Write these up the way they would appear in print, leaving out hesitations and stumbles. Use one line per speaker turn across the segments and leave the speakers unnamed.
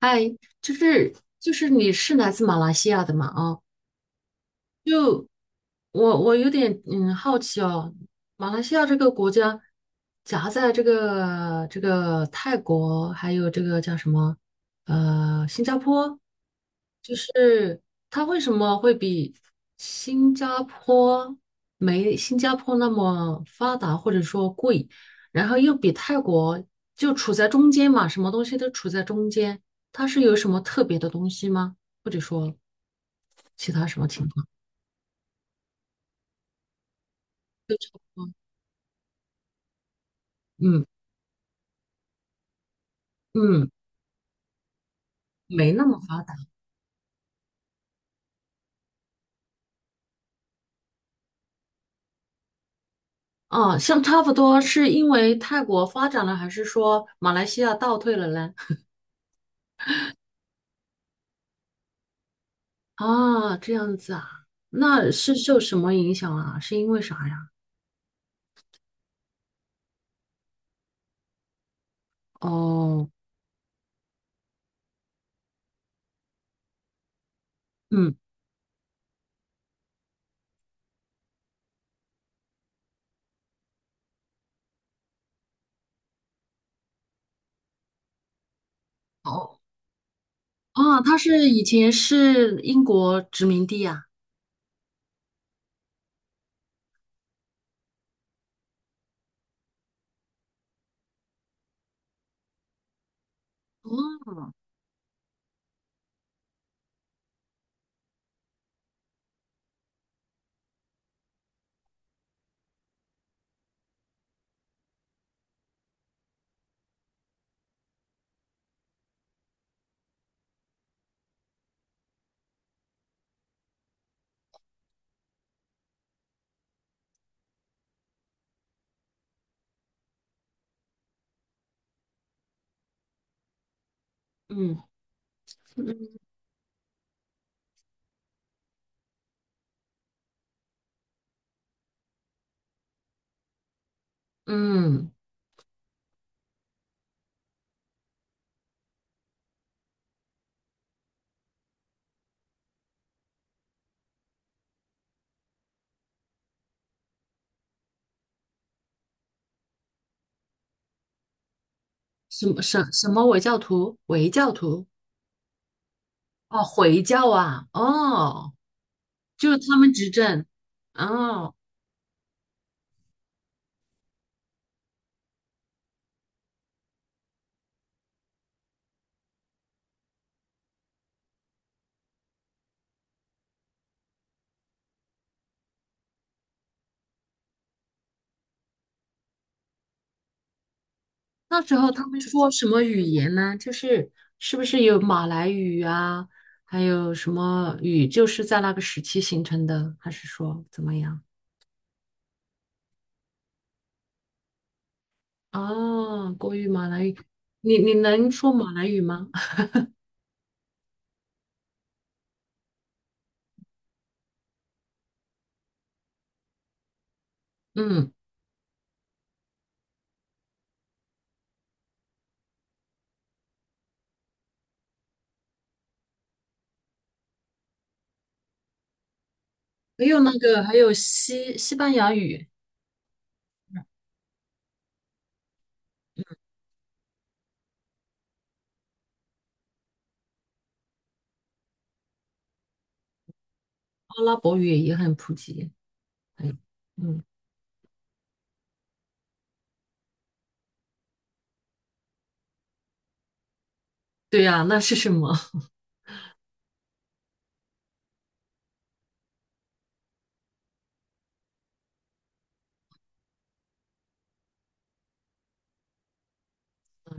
哎，就是就是你是来自马来西亚的嘛？不。我有点好奇哦，马来西亚这个国家夹在这个泰国还有这个叫什么新加坡，就是它为什么会比新加坡没新加坡那么发达或者说贵，然后又比泰国就处在中间嘛，什么东西都处在中间，它是有什么特别的东西吗？或者说其他什么情况？嗯嗯。没那么发达啊，像差不多，是因为泰国发展了，还是说马来西亚倒退了嘞？啊，这样子啊，那是受什么影响啊？是因为啥呀？哦，嗯，哦，啊，他是以前是英国殖民地呀、哦，嗯嗯，什么回教徒？回教徒？哦，回教啊，哦，就是他们执政，哦。那时候他们说什么语言呢？就是是不是有马来语啊，还有什么语，就是在那个时期形成的，还是说怎么样？哦，国语、马来语，你能说马来语吗？嗯，还有那个，还有西班牙语、阿拉伯语也很普及。哎，嗯，对呀，那是什么？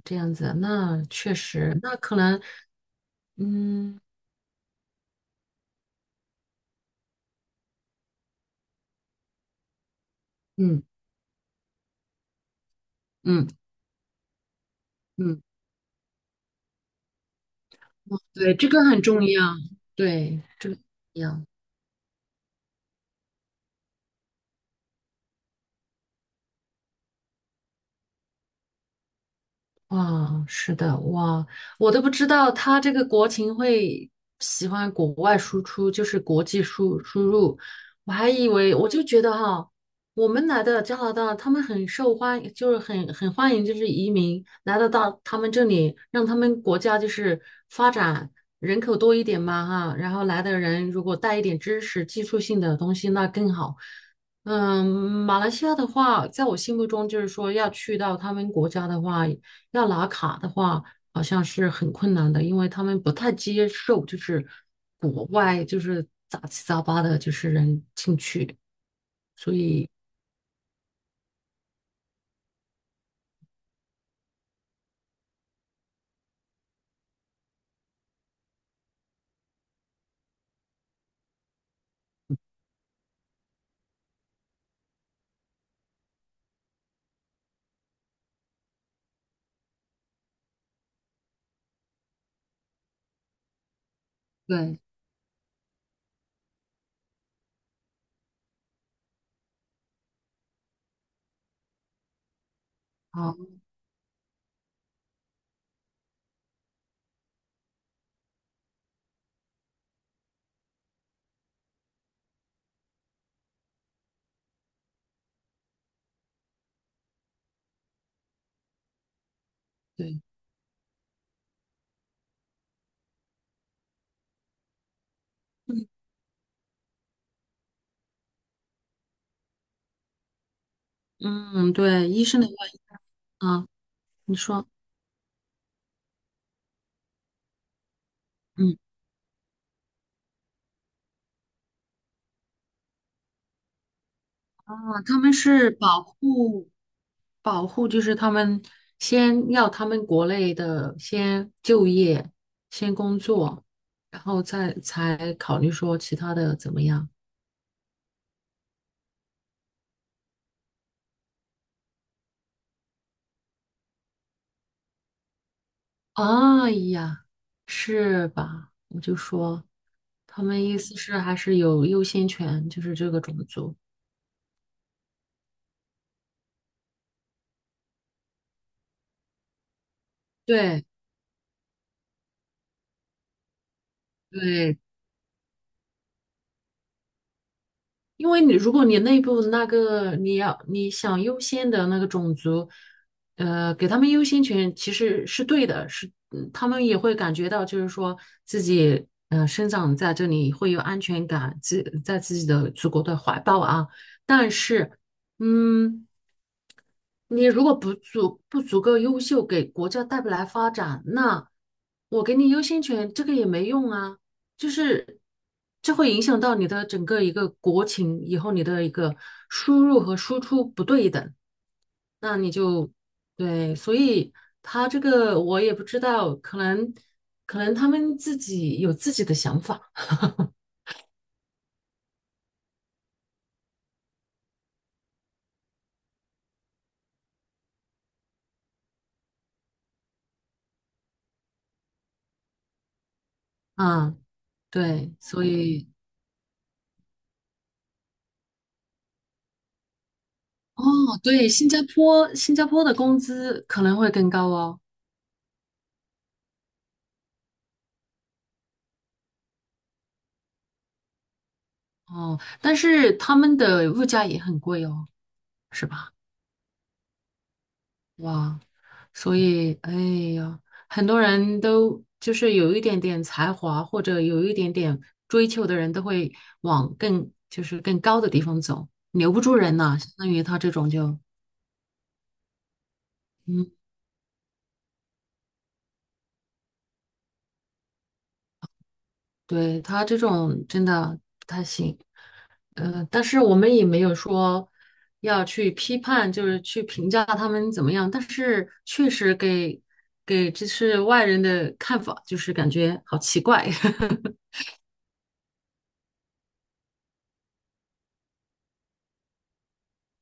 这样子，那确实，那可能，嗯嗯嗯嗯，对，这个很重要，对，这个很重要。哇，是的，哇，我都不知道他这个国情会喜欢国外输出，就是国际输入，我还以为我就觉得哈，我们来的加拿大，他们很受欢迎，就是很欢迎，就是移民来得到他们这里，让他们国家就是发展人口多一点嘛哈，然后来的人如果带一点知识、技术性的东西，那更好。嗯，马来西亚的话，在我心目中就是说要去到他们国家的话。要拿卡的话，好像是很困难的，因为他们不太接受，就是国外就是杂七杂八的，就是人进去。对，好，对，嗯嗯，对，医生的话啊，你说，嗯，啊，他们是保护保护，就是他们先要他们国内的先就业，先工作，然后再才考虑说其他的怎么样。哎呀，是吧？我就说，他们意思是还是有优先权，就是这个种族。对对，因为你如果你内部那个你想优先的那个种族，呃，给他们优先权其实是对的，是他们也会感觉到，就是说自己生长在这里会有安全感，自在自己的祖国的怀抱啊。但是，嗯。你如果不足够优秀，给国家带不来发展，那我给你优先权，这个也没用啊。就是这会影响到你的整个一个国情，以后你的一个输入和输出不对等，那你就对。所以他这个我也不知道，可能他们自己有自己的想法啊。对，所以哦，对，新加坡的工资可能会更高哦。哦，但是他们的物价也很贵哦，是吧？哇，所以，哎呀，很多人都就是有一点点才华或者有一点点追求的人，都会往更就是更高的地方走，留不住人呐、相当于他这种就，嗯对，他这种真的不太行。但是我们也没有说要去批判，就是去评价他们怎么样。但是确实给就是外人的看法，就是感觉好奇怪，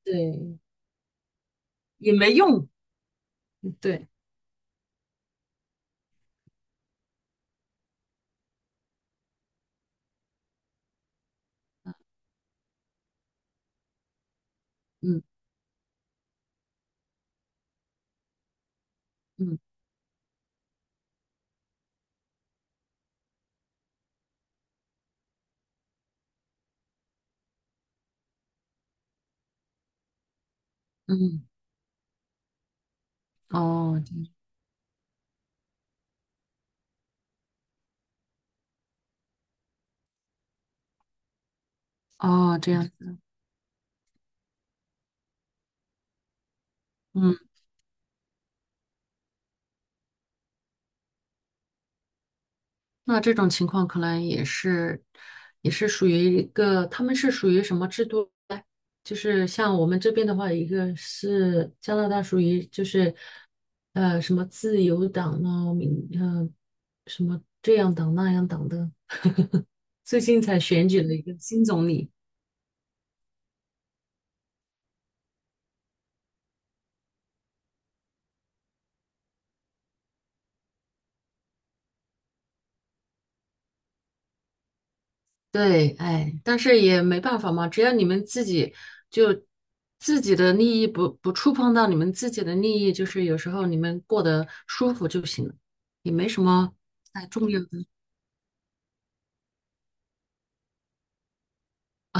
对，也没用。对，嗯嗯嗯，哦这样哦这样，嗯。那这种情况可能也是，也是属于一个，他们是属于什么制度呢？就是像我们这边的话，一个是加拿大属于就是什么自由党呢，民什么这样党那样党的，最近才选举了一个新总理。对，哎，但是也没办法嘛，只要你们自己就自己的利益不触碰到你们自己的利益，就是有时候你们过得舒服就行了，也没什么太重要的。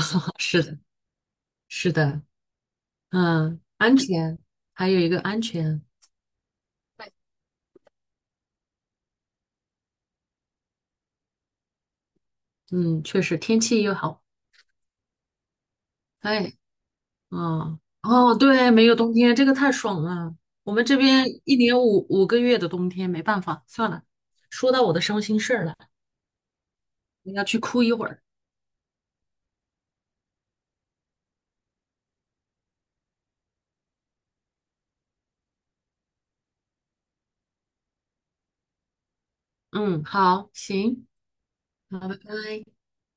是的，是的，嗯，安全，还有一个安全，嗯，确实天气又好，哎，嗯，哦，对，没有冬天，这个太爽了。我们这边一年五个月的冬天，没办法，算了，说到我的伤心事儿了，我要去哭一会儿。嗯，好，行，好，拜拜。